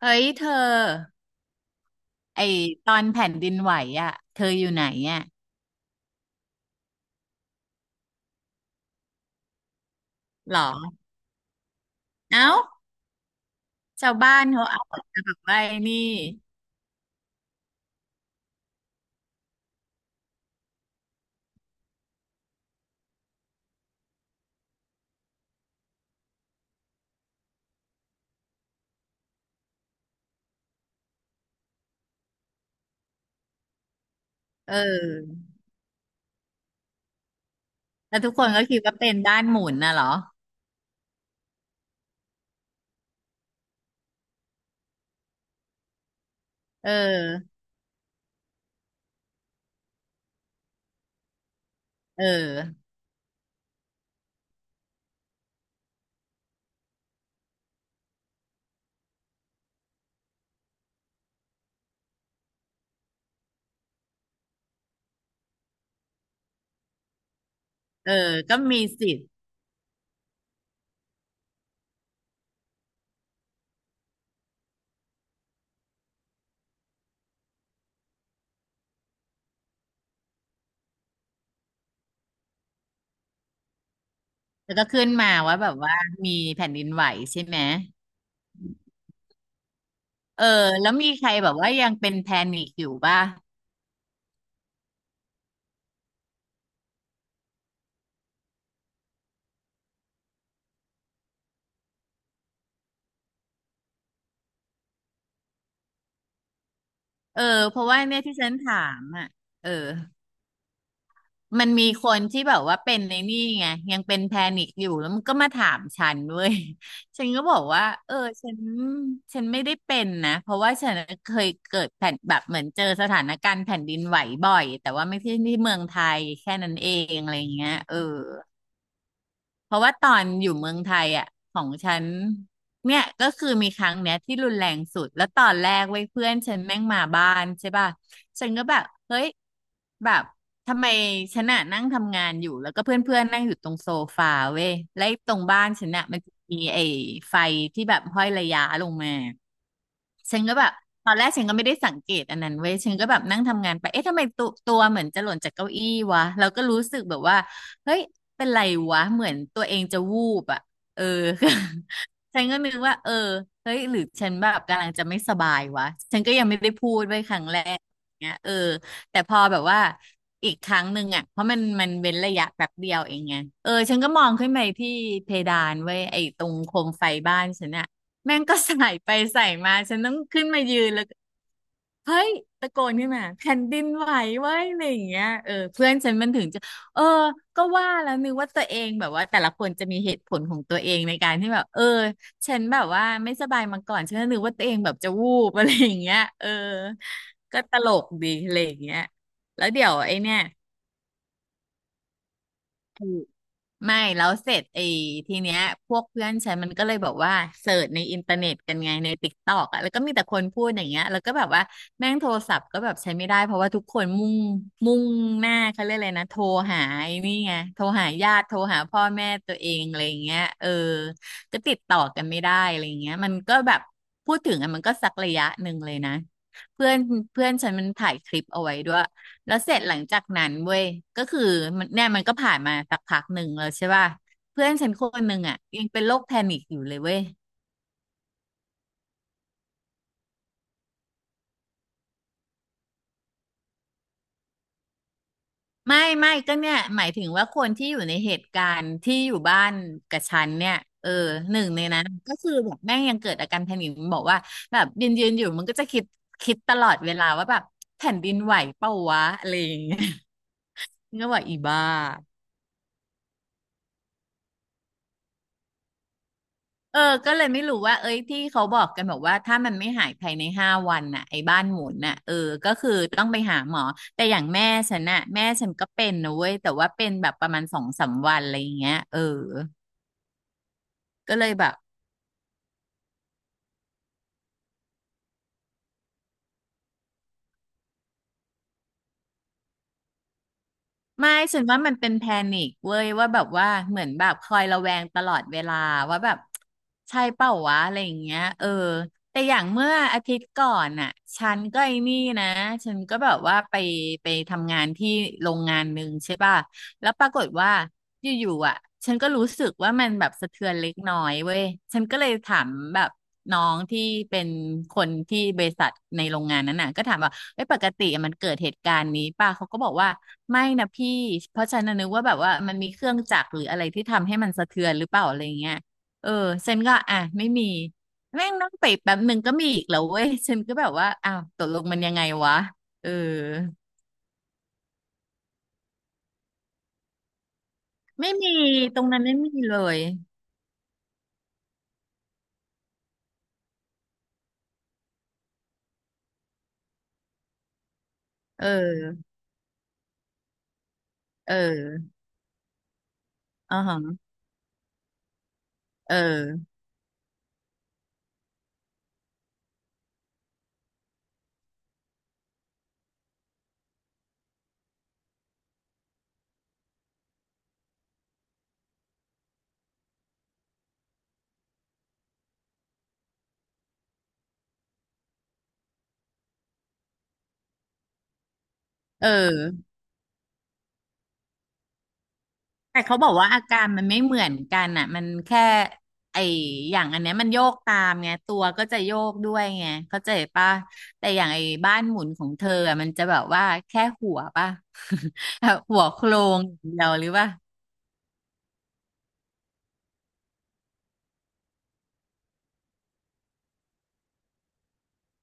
เฮ้ยเธอไอตอนแผ่นดินไหวอ่ะเธออยู่ไหนอ่ะหรอเอ้าชาวบ้านเขาเอาแต่แบบว่าไอ้นี่เออแล้วทุกคนก็คิดว่าเป็นบ้านหมุนน่ะเหรอเออเออเออก็มีสิทธิ์แล้วก็ขึ้นมาว่าแบบว่ามีแผ่นดินไหวใช่ไหมเออแล้วมีใครแบบว่ายังเป็นแพนิคอยู่ป่ะเออเพราะว่าเนี่ยที่ฉันถามอ่ะเออ มันมีคนที่แบบว่าเป็นในนี่ไงยังเป็นแพนิคอยู่แล้วมันก็มาถามฉันเว้ย ฉันก็บอกว่าเออฉันฉันไม่ได้เป็นนะเพราะว่าฉันเคยเกิดแผ่นแบบเหมือนเจอสถานการณ์แผ่นดินไหวบ่อยแต่ว่าไม่ใช่ที่เมืองไทยแค่นั้นเองอะไรเงี้ยเออ เพราะว่าตอนอยู่เมืองไทยอ่ะของฉันเนี่ยก็คือมีครั้งเนี้ยที่รุนแรงสุดแล้วตอนแรกเว้ยเพื่อนฉันแม่งมาบ้านใช่ป่ะฉันก็แบบเฮ้ยแบบทำไมฉันอะนั่งทำงานอยู่แล้วก็เพื่อนเพื่อนนั่งอยู่ตรงโซฟาเว้ยแล้วไอ้ตรงบ้านฉันอะมันจะมีไอ้ไฟที่แบบห้อยระย้าลงมา ฉันก็แบบตอนแรกฉันก็ไม่ได้สังเกตอันนั้นเว้ยฉันก็แบบนั่งทำงานไปเอ๊ะทำไมตัวเหมือนจะหล่นจากเก้าอี้วะเราก็รู้สึกแบบว่าเฮ้ยเป็นไรวะเหมือนตัวเองจะวูบอ่ะเออ ฉันก็นึกว่าเออเฮ้ยหรือฉันแบบกำลังจะไม่สบายวะฉันก็ยังไม่ได้พูดไว้ยครั้งแรกเงี้ยเออแต่พอแบบว่าอีกครั้งหนึ่งอ่ะเพราะมันเว้นระยะแป๊บเดียวเองไงเออฉันก็มองขึ้นไปที่เพดานเว้ยไอ้ตรงโคมไฟบ้านฉันอ่ะ แม่งก็ใส่ไปใส่มาฉันต้องขึ้นมายืนแล้วก็เฮ้ยตะโกนขึ้นมาแผ่นดินไหวเว้ยอะไรอย่างเงี้ยเออเพื่อนฉันมันถึงจะเออก็ว่าแล้วนึกว่าตัวเองแบบว่าแต่ละคนจะมีเหตุผลของตัวเองในการที่แบบเออฉันแบบว่าไม่สบายมาก่อนฉันก็นึกว่าตัวเองแบบจะวูบอะไรอย่างเงี้ยเออก็ตลกดีอะไรอย่างเงี้ยแล้วเดี๋ยวไอ้เนี่ย ไม่แล้วเสร็จไอ้ทีเนี้ยพวกเพื่อนฉันมันก็เลยบอกว่าเสิร์ชในอินเทอร์เน็ตกันไงในติ๊กตอกอ่ะแล้วก็มีแต่คนพูดอย่างเงี้ยแล้วก็แบบว่าแม่งโทรศัพท์ก็แบบใช้ไม่ได้เพราะว่าทุกคนมุ่งหน้าเขาเรียกอะไรนะโทรหาไอ้นี่ไงโทรหาญาติโทรหาพ่อแม่ตัวเองอะไรอย่างเงี้ยเออก็ติดต่อกันไม่ได้อะไรอย่างเงี้ยมันก็แบบพูดถึงอ่ะมันก็สักระยะหนึ่งเลยนะเพื่อนเพื่อนฉันมันถ่ายคลิปเอาไว้ด้วย แล้วเสร็จหลังจากนั้นเว้ยก็คือมันเนี่ยมันก็ผ่านมาสักพักหนึ่งแล้วใช่ป่ะเพื่อนฉันคนหนึ่งอ่ะยังเป็นโรคแพนิคอยู่เลยเว้ย ไม่ก็เนี่ยหมายถึงว่าคนที่อยู่ในเหตุการณ์ที่อยู่บ้านกับฉันเนี่ยเออหนึ่งในนั้นก็คือแบบแม่งยังเกิดอาการแพนิคบอกว่าแบบยืนอยู่มันก็จะคิดตลอดเวลาว่าแบบแผ่นดินไหวเปล่าวะอะไรอย่างเงี้ย ก็บอกอีบ้า เออ ก็เลยไม่รู้ว่า เอ้ยที่เขาบอกกันบอกว่าถ้ามันไม่หายภายใน5 วันน่ะไอ้บ้านหมุนน่ะเออ ก็คือต้องไปหาหมอ แต่อย่างแม่ฉันน่ะแม่ฉันก็เป็นนะเว้ยแต่ว่าเป็นแบบประมาณสองสามวันอะไรอย่างเงี้ยเออ ก็เลยแบบ ไม่ฉันว่ามันเป็นแพนิคเว้ยว่าแบบว่าเหมือนแบบคอยระแวงตลอดเวลาว่าแบบใช่เปล่าวะอะไรอย่างเงี้ยเออแต่อย่างเมื่ออาทิตย์ก่อนน่ะฉันก็ไอ้นี่นะฉันก็แบบว่าไปทำงานที่โรงงานหนึ่งใช่ป่ะแล้วปรากฏว่า อยู่ๆอ่ะฉันก็รู้สึกว่ามันแบบสะเทือนเล็กน้อยเว้ยฉันก็เลยถามแบบน้องที่เป็นคนที่บริษัทในโรงงานนั้นน่ะก็ถามว่าเอ้ยปกติมันเกิดเหตุการณ์นี้ป่ะเขาก็บอกว่าไม่นะพี่เพราะฉันน่ะนึกว่าแบบว่ามันมีเครื่องจักรหรืออะไรที่ทำให้มันสะเทือนหรือเปล่าอะไรเงี้ยเออฉันก็อ่ะไม่มีแม่งนั่งไปแป๊บหนึ่งก็มีอีกแล้วเว้ยฉันก็แบบว่าอ้าวตกลงมันยังไงวะเออไม่มีตรงนั้นไม่มีเลยเออเออ อ่าฮะเออ เออแต่เขาบอกว่าอาการมันไม่เหมือนกันอ่ะมันแค่ไออย่างอันเนี้ยมันโยกตามไงตัวก็จะโยกด้วยไงเข้าใจป่ะแต่อย่างไอ้บ้านหมุนของเธออะมันจะแบบว่าแค่หัวป่ะ แบบ หัวโครงอย่างเดียวหรือป่ะ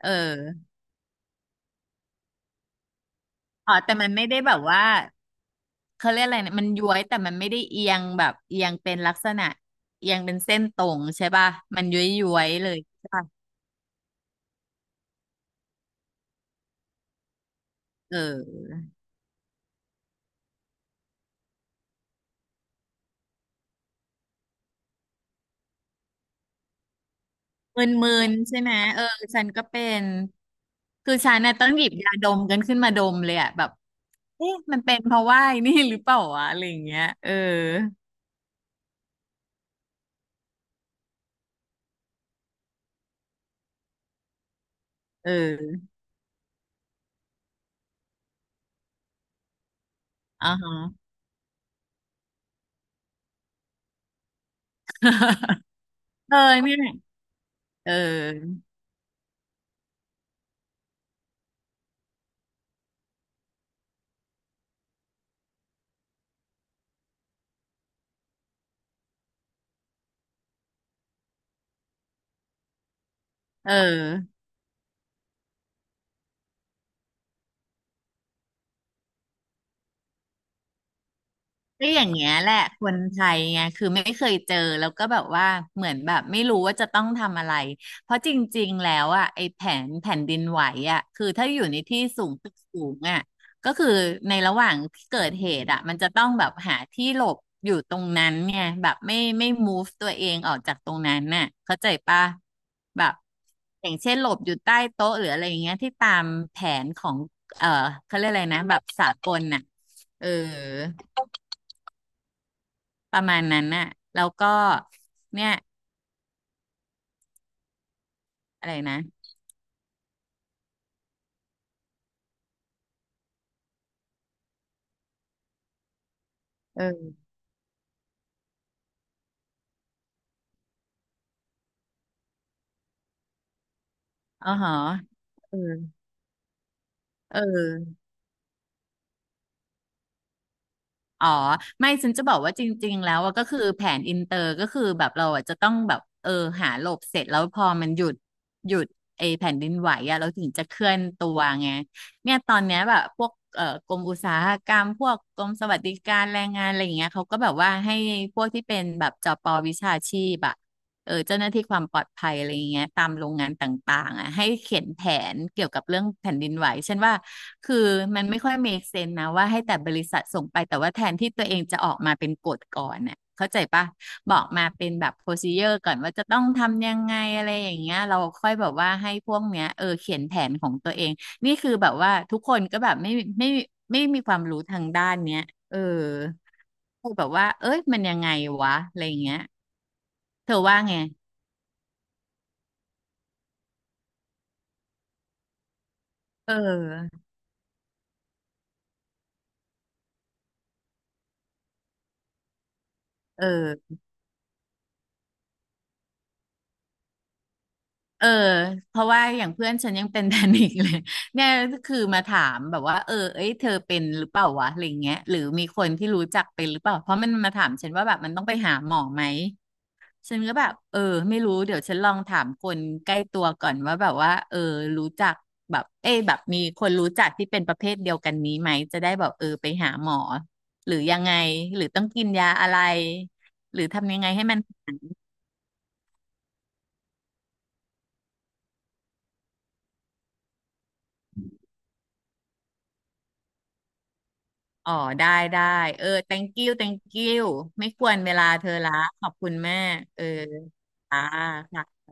เอออ๋อแต่มันไม่ได้แบบว่าเขาเรียกอะไรนะมันย้วยแต่มันไม่ได้เอียงแบบเอียงเป็นลักษณะเอียงเป็นเส้นตรงใช่ป่ะมันย้วยๆเลยใช่ป่ะเออ มึนๆใช่ไหมเออฉันก็เป็นคือฉันน่ะต้องหยิบยาดมกันขึ้นมาดมเลยอะแบบเอ๊ะมันเป็นเพราะว่าไอ้นี่หรือเปล่าวะอะไรอย่างเงี้ยเออเอออ่าฮะ เออเนี่ยเออเออ ก็อย่างเงี้ยแหละคนไทยไงคือไม่เคยเจอแล้วก็แบบว่าเหมือนแบบไม่รู้ว่าจะต้องทำอะไรเพราะจริงๆแล้วอ่ะไอ้แผนแผ่นดินไหวอ่ะคือถ้าอยู่ในที่สูงตึกสูงอ่ะก็คือในระหว่างที่เกิดเหตุอ่ะมันจะต้องแบบหาที่หลบอยู่ตรงนั้นไงแบบไม่ move ตัวเองออกจากตรงนั้นน่ะเข้าใจปะแบบอย่างเช่นหลบอยู่ใต้โต๊ะหรืออะไรอย่างเงี้ยที่ตามแผนของเออเขาเรียกอะไรนะแบบสากลน่ะเออ ประมาณนั้นน่ะ แล้วก็เนี่ยอะไรนะเอออ๋อหอเออเออ อ๋อไม่ฉันจะบอกว่าจริงๆแล้วอะก็คือแผนอินเตอร์ก็คือแบบเราอะจะต้องแบบเออหาหลบเสร็จแล้วพอมันหยุดไอแผ่นดินไหวอะเราถึงจะเคลื่อนตัวไงเนี่ยตอนเนี้ยแบบพวกกรมอุตสาหกรรมพวกกรมสวัสดิการแรงงานอะไรอย่างเงี้ยเขาก็แบบว่าให้พวกที่เป็นแบบจปวิชาชีพอะเออเจ้าหน้าที่ความปลอดภัยอะไรอย่างเงี้ยตามโรงงานต่างๆอะให้เขียนแผนเกี่ยวกับเรื่องแผ่นดินไหวฉันว่า คือมันไม่ค่อย make sense นะว่าให้แต่บริษัทส่งไปแต่ว่าแทนที่ตัวเองจะออกมาเป็นกฎก่อนน่ะเข้าใจปะบอกมาเป็นแบบ procedure ก่อนว่าจะต้องทำยังไงอะไรอย่างเงี้ยเราค่อยแบบว่าให้พวกเนี้ยเออเขียนแผนของตัวเองนี่คือแบบว่าทุกคนก็แบบไม่ไม่มมีความรู้ทางด้านเนี้ยเออคือแบบว่าเอ้ยมันยังไงวะอะไรอย่างเงี้ยเธอว่าไงเออเออ เออเพราะว่าอย่างเพื่อนฉันยังเป็น แพนิคเลยเนี่ยคือมาถามแบบว่าเออเอ้ยเธอเป็นหรือเปล่าวะอะไรเงี้ยหรือมีคนที่รู้จักเป็นหรือเปล่าเพราะมันมาถามฉันว่าแบบมันต้องไปหาหมอไหมฉันก็แบบเออไม่รู้เดี๋ยวฉันลองถามคนใกล้ตัวก่อนว่าแบบว่าเออรู้จักแบบเอ้ยแบบมีคนรู้จักที่เป็นประเภทเดียวกันนี้ไหมจะได้แบบเออไปหาหมอหรือยังไงหรือต้องกินยาอะไรหรือทำยังไงให้มัน อ๋อได้ได้เออ thank you thank you ไม่ควรเวลาเธอละขอบคุณแม่เอออ่าค่ะ